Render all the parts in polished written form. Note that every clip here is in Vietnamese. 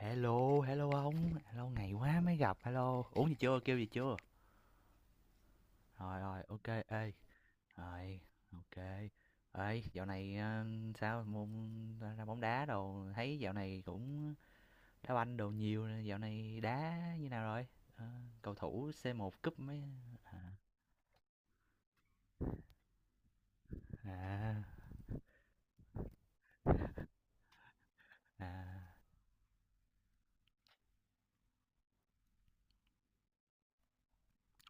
Hello, hello ông, hello ngày quá mới gặp, hello. Uống gì chưa, kêu gì chưa? Rồi rồi, ok, ê. Rồi, ok. Ê, dạo này sao môn ra ra bóng đá đồ, thấy dạo này cũng đá banh đồ nhiều, dạo này đá như nào rồi? Ờ, cầu thủ c một cúp mấy. À à.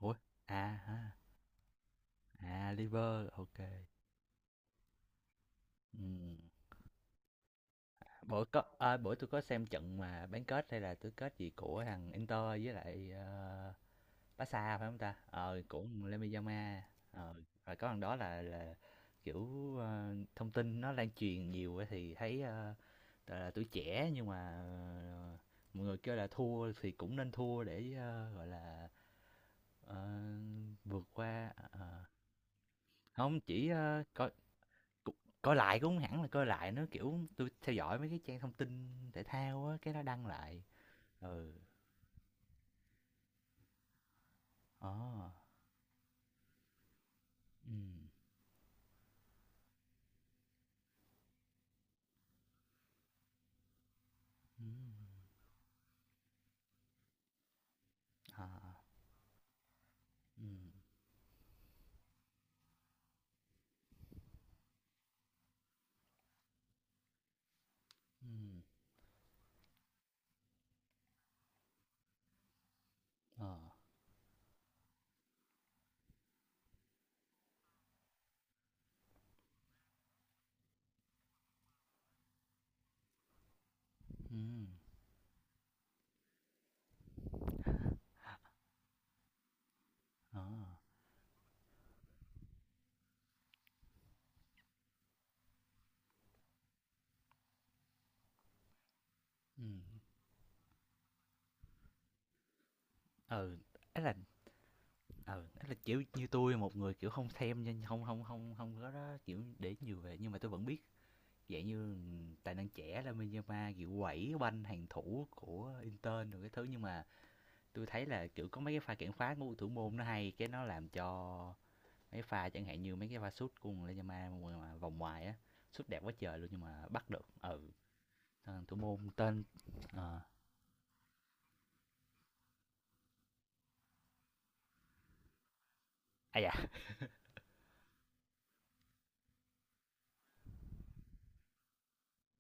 Ủa. À ha. À liver ok. Ừ. Bữa có à, bữa tôi có xem trận mà bán kết hay là tứ kết gì của thằng Inter với lại Pasa phải không ta? Ờ, của Lemmy-Yama. ờ, Rồi có lần đó là, kiểu, thông tin nó lan truyền nhiều á thì thấy, ơ, gọi là, tuổi trẻ nhưng mà, mọi người kêu là thua thì cũng nên thua để, ơ, gọi là, ờ, vượt qua. Ờ, hông, chỉ, ơ, coi c coi lại cũng hông hẳn là coi lại nó kiểu, tôi theo dõi mấy cái trang thông tin thể thao á, cái nó đăng lại. Ừ. Ờ. Ừm. Ừ. Ừ. Ừ. Ờ. Ừ. Ờ. Ừm. Ừ, ấy là, ừ, ấy là, kiểu như tôi một người, kiểu, không xem nên không không không không có đó, kiểu, để nhiều về nhưng mà tôi vẫn biết dạng như tài năng trẻ là Yamal, kiểu, quẩy banh hàng thủ của Inter rồi cái thứ. Nhưng mà tôi thấy là, kiểu, có mấy cái pha cản phá của thủ môn nó hay, cái nó làm cho mấy pha chẳng hạn như mấy cái pha sút của La Yamal mà vòng ngoài á, sút đẹp quá trời luôn nhưng mà bắt được. Ừ. Thủ môn tên. Ờ, Aya.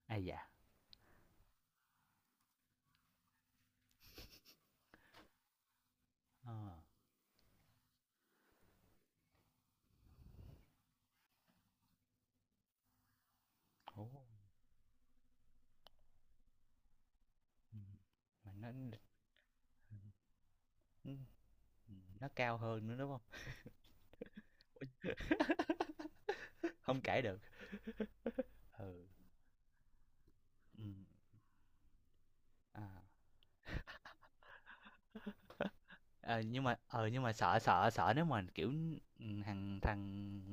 Aya. Ờ. Ồ. Ừm, mà nó cao hơn nữa, đúng không? Không kể được. Ừ. Ừm. À. ờ, nhưng mà nhưng mà sợ sợ sợ nếu mà, kiểu, thằng thằng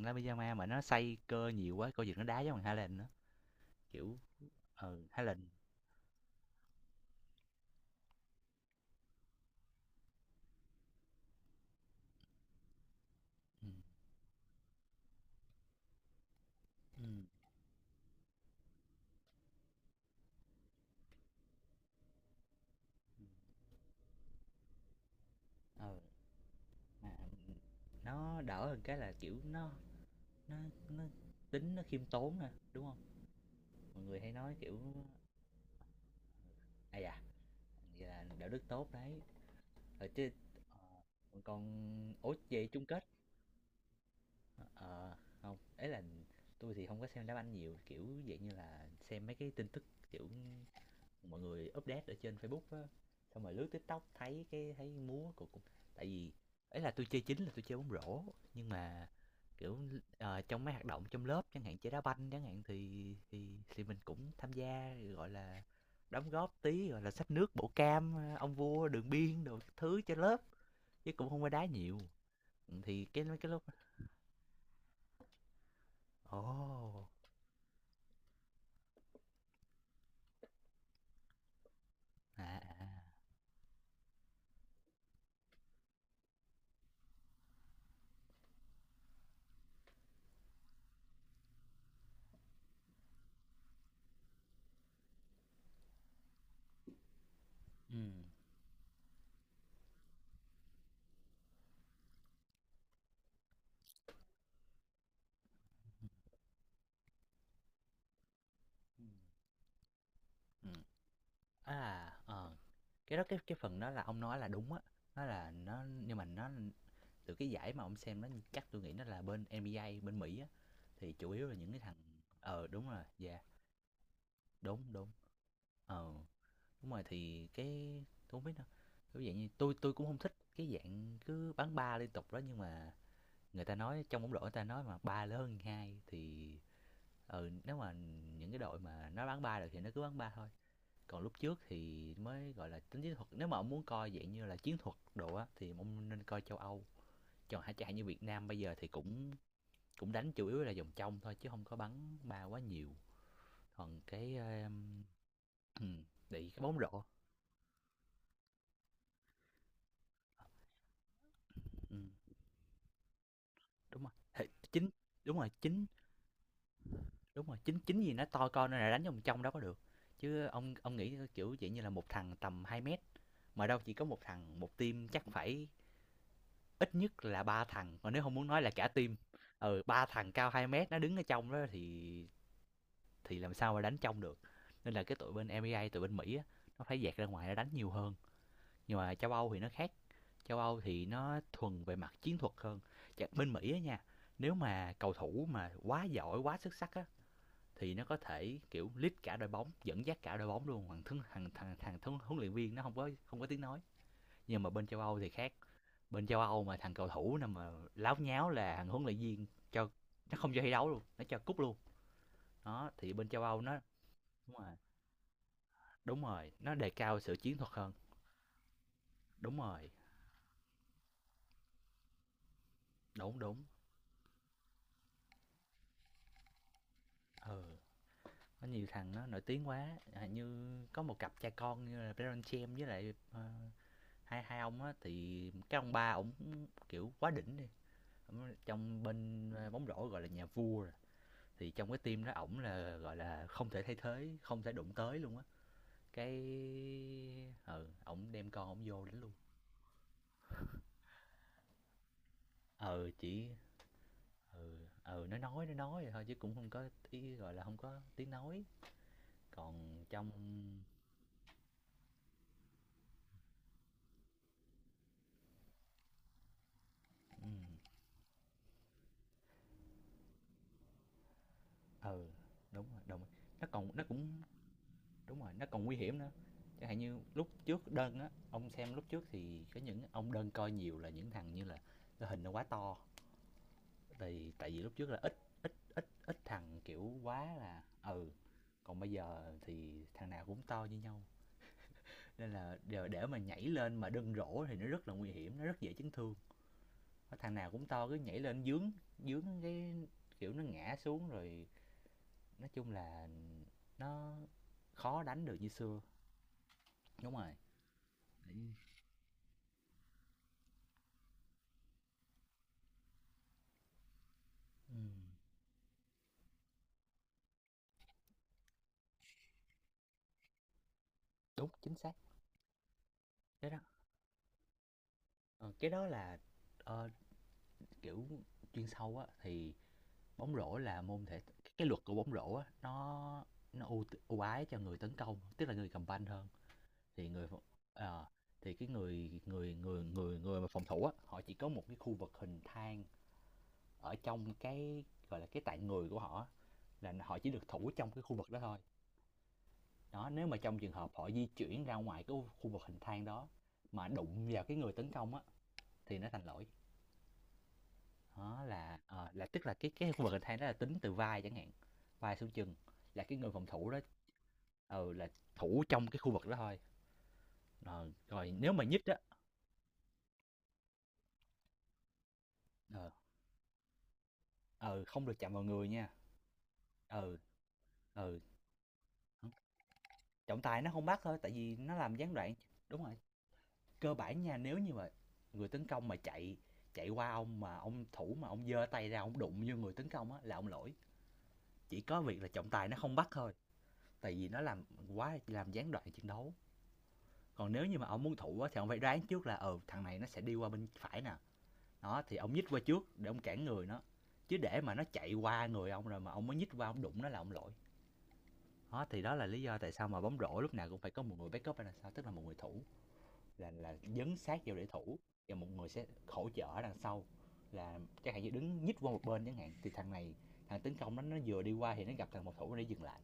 La Pijama mà nó xây cơ nhiều quá, coi chừng nó đá giống thằng Haaland á, kiểu. Ừ, Haaland. Ừm. Ừm. Ừ. Ờ mà, nó đỡ hơn cái là, kiểu, nó nó tính nó khiêm tốn nè đúng không? Mọi người hay nói, kiểu. À da, vậy là đạo đức tốt đấy. Ờ, chứ còn ủa về chung kết. Ờ, không ấy là tôi thì không có xem đá banh nhiều kiểu dạng như là xem mấy cái tin tức kiểu mọi người update ở trên Facebook á, xong rồi lướt TikTok thấy thấy múa của cũng, tại vì ấy là tôi chơi bóng rổ, nhưng mà kiểu, trong mấy hoạt động trong lớp chẳng hạn chơi đá banh chẳng hạn thì mình cũng tham gia gọi là đóng góp tí gọi là xách nước bổ cam, ông vua đường biên đồ các thứ cho lớp chứ cũng không có đá nhiều. Ừ, thì cái mấy cái lúc. Ồ. À à. Ừ. Ừ. À, ờ. Cái đó cái phần đó là ông nói là đúng á. Nó là nó nhưng mà nó từ cái giải mà ông xem nó chắc tôi nghĩ nó là bên NBA bên Mỹ á, thì chủ yếu là những cái thằng. Ờ đúng rồi, dạ, đúng đúng. Ờ đúng rồi thì cái tôi không biết đâu. Kiểu dạng như tôi cũng không thích cái dạng cứ bắn ba liên tục đó, nhưng mà người ta nói trong bóng rổ người ta nói mà ba lớn hơn hai thì ừ nếu mà những cái đội mà nó bán ba được thì nó cứ bán ba thôi. Còn lúc trước thì mới gọi là tính chiến thuật, nếu mà ông muốn coi dạng như là chiến thuật đồ á thì ông nên coi châu Âu, còn hả chạy như Việt Nam bây giờ thì cũng cũng đánh chủ yếu là vòng trong thôi chứ không có bắn ba quá nhiều. Còn cái ừ, bị cái bóng rổ. ừ, đúng rồi chính đúng rồi chính đúng rồi chính chính gì nó to con nên là đánh vòng trong đó có được. Chứ ông nghĩ kiểu vậy như là một thằng tầm 2 mét mà đâu chỉ có một thằng một team, chắc phải ít nhất là ba thằng mà nếu không muốn nói là cả team. Ừ ba thằng cao 2 mét nó đứng ở trong đó thì làm sao mà đánh trong được, nên là cái tụi bên MEA tụi bên Mỹ á, nó phải dạt ra ngoài nó đánh nhiều hơn. Nhưng mà châu Âu thì nó khác, châu Âu thì nó thuần về mặt chiến thuật hơn. Bên Mỹ á nha, nếu mà cầu thủ mà quá giỏi quá xuất sắc á thì nó có thể kiểu lead cả đội bóng dẫn dắt cả đội bóng luôn, thằng thằng thằng thằng, thằng huấn luyện viên nó không có tiếng nói. Nhưng mà bên châu Âu thì khác, bên châu Âu mà thằng cầu thủ nào mà láo nháo là thằng huấn luyện viên cho nó không cho thi đấu luôn, nó cho cúp luôn. Đó thì bên châu Âu nó. Đúng rồi. Đúng rồi nó đề cao sự chiến thuật hơn. Đúng rồi. Đúng đúng. Ừ có nhiều thằng nó nổi tiếng quá à, như có một cặp cha con như là Baron Chem với lại hai hai ông á, thì cái ông ba ổng kiểu quá đỉnh đi. Ổng trong bên ờ, bóng rổ gọi là nhà vua rồi. Thì trong cái team đó ổng là gọi là không thể thay thế không thể đụng tới luôn á, cái ờ ổng đem con ổng vô đánh luôn. Ờ chỉ. Ừ, ừ nó nói thôi chứ cũng không có ý gọi là không có tiếng nói. Còn trong. Ừ, ừ đúng rồi đúng rồi, nó còn nó cũng. Đúng rồi nó còn nguy hiểm nữa. Chẳng hạn như lúc trước đơn á ông xem lúc trước thì có những ông đơn coi nhiều là những thằng như là cái hình nó quá to, thì tại vì lúc trước là ít ít thằng kiểu quá là ừ. Còn bây giờ thì thằng nào cũng to như nhau nên là để mà nhảy lên mà đâm rổ thì nó rất là nguy hiểm nó rất dễ chấn thương. Có thằng nào cũng to cứ nhảy lên dướng dướng kiểu nó ngã xuống rồi, nói chung là nó khó đánh được như xưa. Đúng rồi. Ừ. Đúng chính xác. Cái đó ờ, cái đó là ờ, kiểu chuyên sâu á thì, bóng rổ là môn thể, cái luật của bóng rổ á nó ưu ái cho người tấn công tức là người cầm banh hơn, thì người phòng-. ờ, thì cái người người người người người mà phòng thủ á họ chỉ có một cái khu vực hình thang ở trong cái gọi là cái tạng người của họ, là họ chỉ được thủ trong cái khu vực đó thôi. Đó nếu mà trong trường hợp họ di chuyển ra ngoài cái khu vực hình thang đó mà đụng vào cái người tấn công á thì nó thành lỗi. Đó là là tức là cái khu vực hình thang đó là tính từ vai chẳng hạn, vai xuống chân, là cái người phòng thủ đó. Ừ là thủ trong cái khu vực đó thôi. Ờ, rồi nếu mà nhích á. Ờ. Ừ, không được chạm vào người nha. Ừ, ừ, trọng tài nó không bắt thôi, tại vì nó làm gián đoạn. Đúng rồi, cơ bản nha, nếu như mà người tấn công mà chạy chạy qua ông mà ông thủ mà ông giơ tay ra ông đụng vô người tấn công á là ông lỗi, chỉ có việc là trọng tài nó không bắt thôi, tại vì nó làm quá làm gián đoạn trận đấu. Còn nếu như mà ông muốn thủ á thì ông phải đoán trước là, ừ, thằng này nó sẽ đi qua bên phải nè, đó, thì ông nhích qua trước để ông cản người nó, chứ để mà nó chạy qua người ông rồi mà ông mới nhích qua ông đụng nó là ông lỗi. Đó, thì đó là lý do tại sao mà bóng rổ lúc nào cũng phải có một người backup ở đằng sau, tức là một người thủ là dấn sát vô để thủ, và một người sẽ hỗ trợ ở đằng sau là chẳng hạn như đứng nhích qua một bên chẳng hạn thì thằng này, thằng tấn công nó vừa đi qua thì nó gặp thằng một thủ để dừng lại.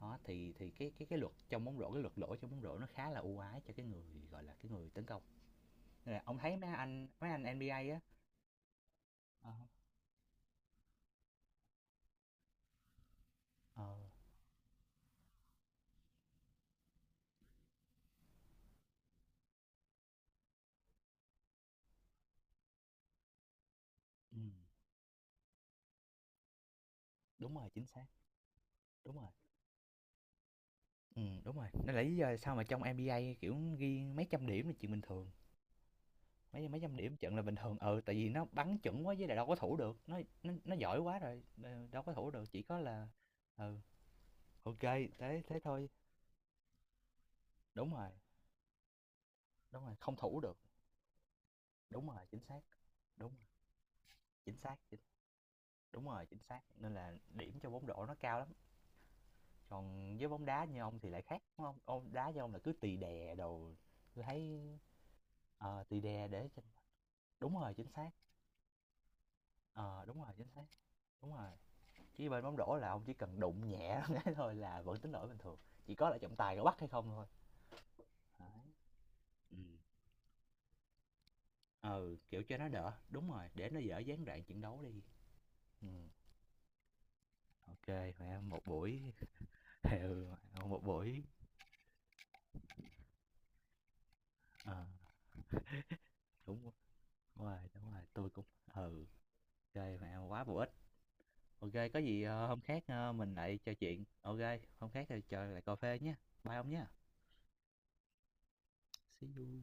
Đó thì cái luật trong bóng rổ cái luật lỗi trong bóng rổ nó khá là ưu ái cho cái người gọi là cái người tấn công, nên là ông thấy mấy anh NBA á. Ờ. Ờ. Ừ, đúng rồi chính xác. Đúng rồi. Ừ, đúng rồi nên là lý do tại sao mà trong NBA kiểu ghi mấy trăm điểm là chuyện bình thường, mấy mấy trăm điểm trận là bình thường ừ tại vì nó bắn chuẩn quá với lại đâu có thủ được nó giỏi quá rồi đâu có thủ được chỉ có là. Ừ. Ok. Thế thế thôi. Đúng rồi. Đúng rồi không thủ được. Đúng rồi chính xác. Đúng rồi, chính xác chính. Đúng rồi chính xác nên là điểm cho bóng rổ nó cao lắm. Còn với bóng đá như ông thì lại khác đúng không, ông đá như ông là cứ tì đè đồ. Tôi thấy tì đè để cho-. Đúng rồi chính xác. Ờ đúng rồi chính xác. Đúng rồi. Chứ bên bóng rổ là ông chỉ cần đụng nhẹ cái thôi là vẫn tính lỗi bình thường, chỉ có là trọng tài có bắt hay không thôi. Đấy. Ừ, ừ, kiểu cho nó đỡ, đúng rồi, để nó dở gián đoạn trận đấu đi. Ừm. OK, mẹ một buổi. Ừ, một buổi. Ờ, đúng đúng rồi, tôi cũng ừ. OK, mẹ quá bổ ích. OK, có gì, ờ, hôm khác, ờ, mình lại trò chuyện. OK, hôm khác thì chờ lại cà phê nhé. Bye ông nhé. See you.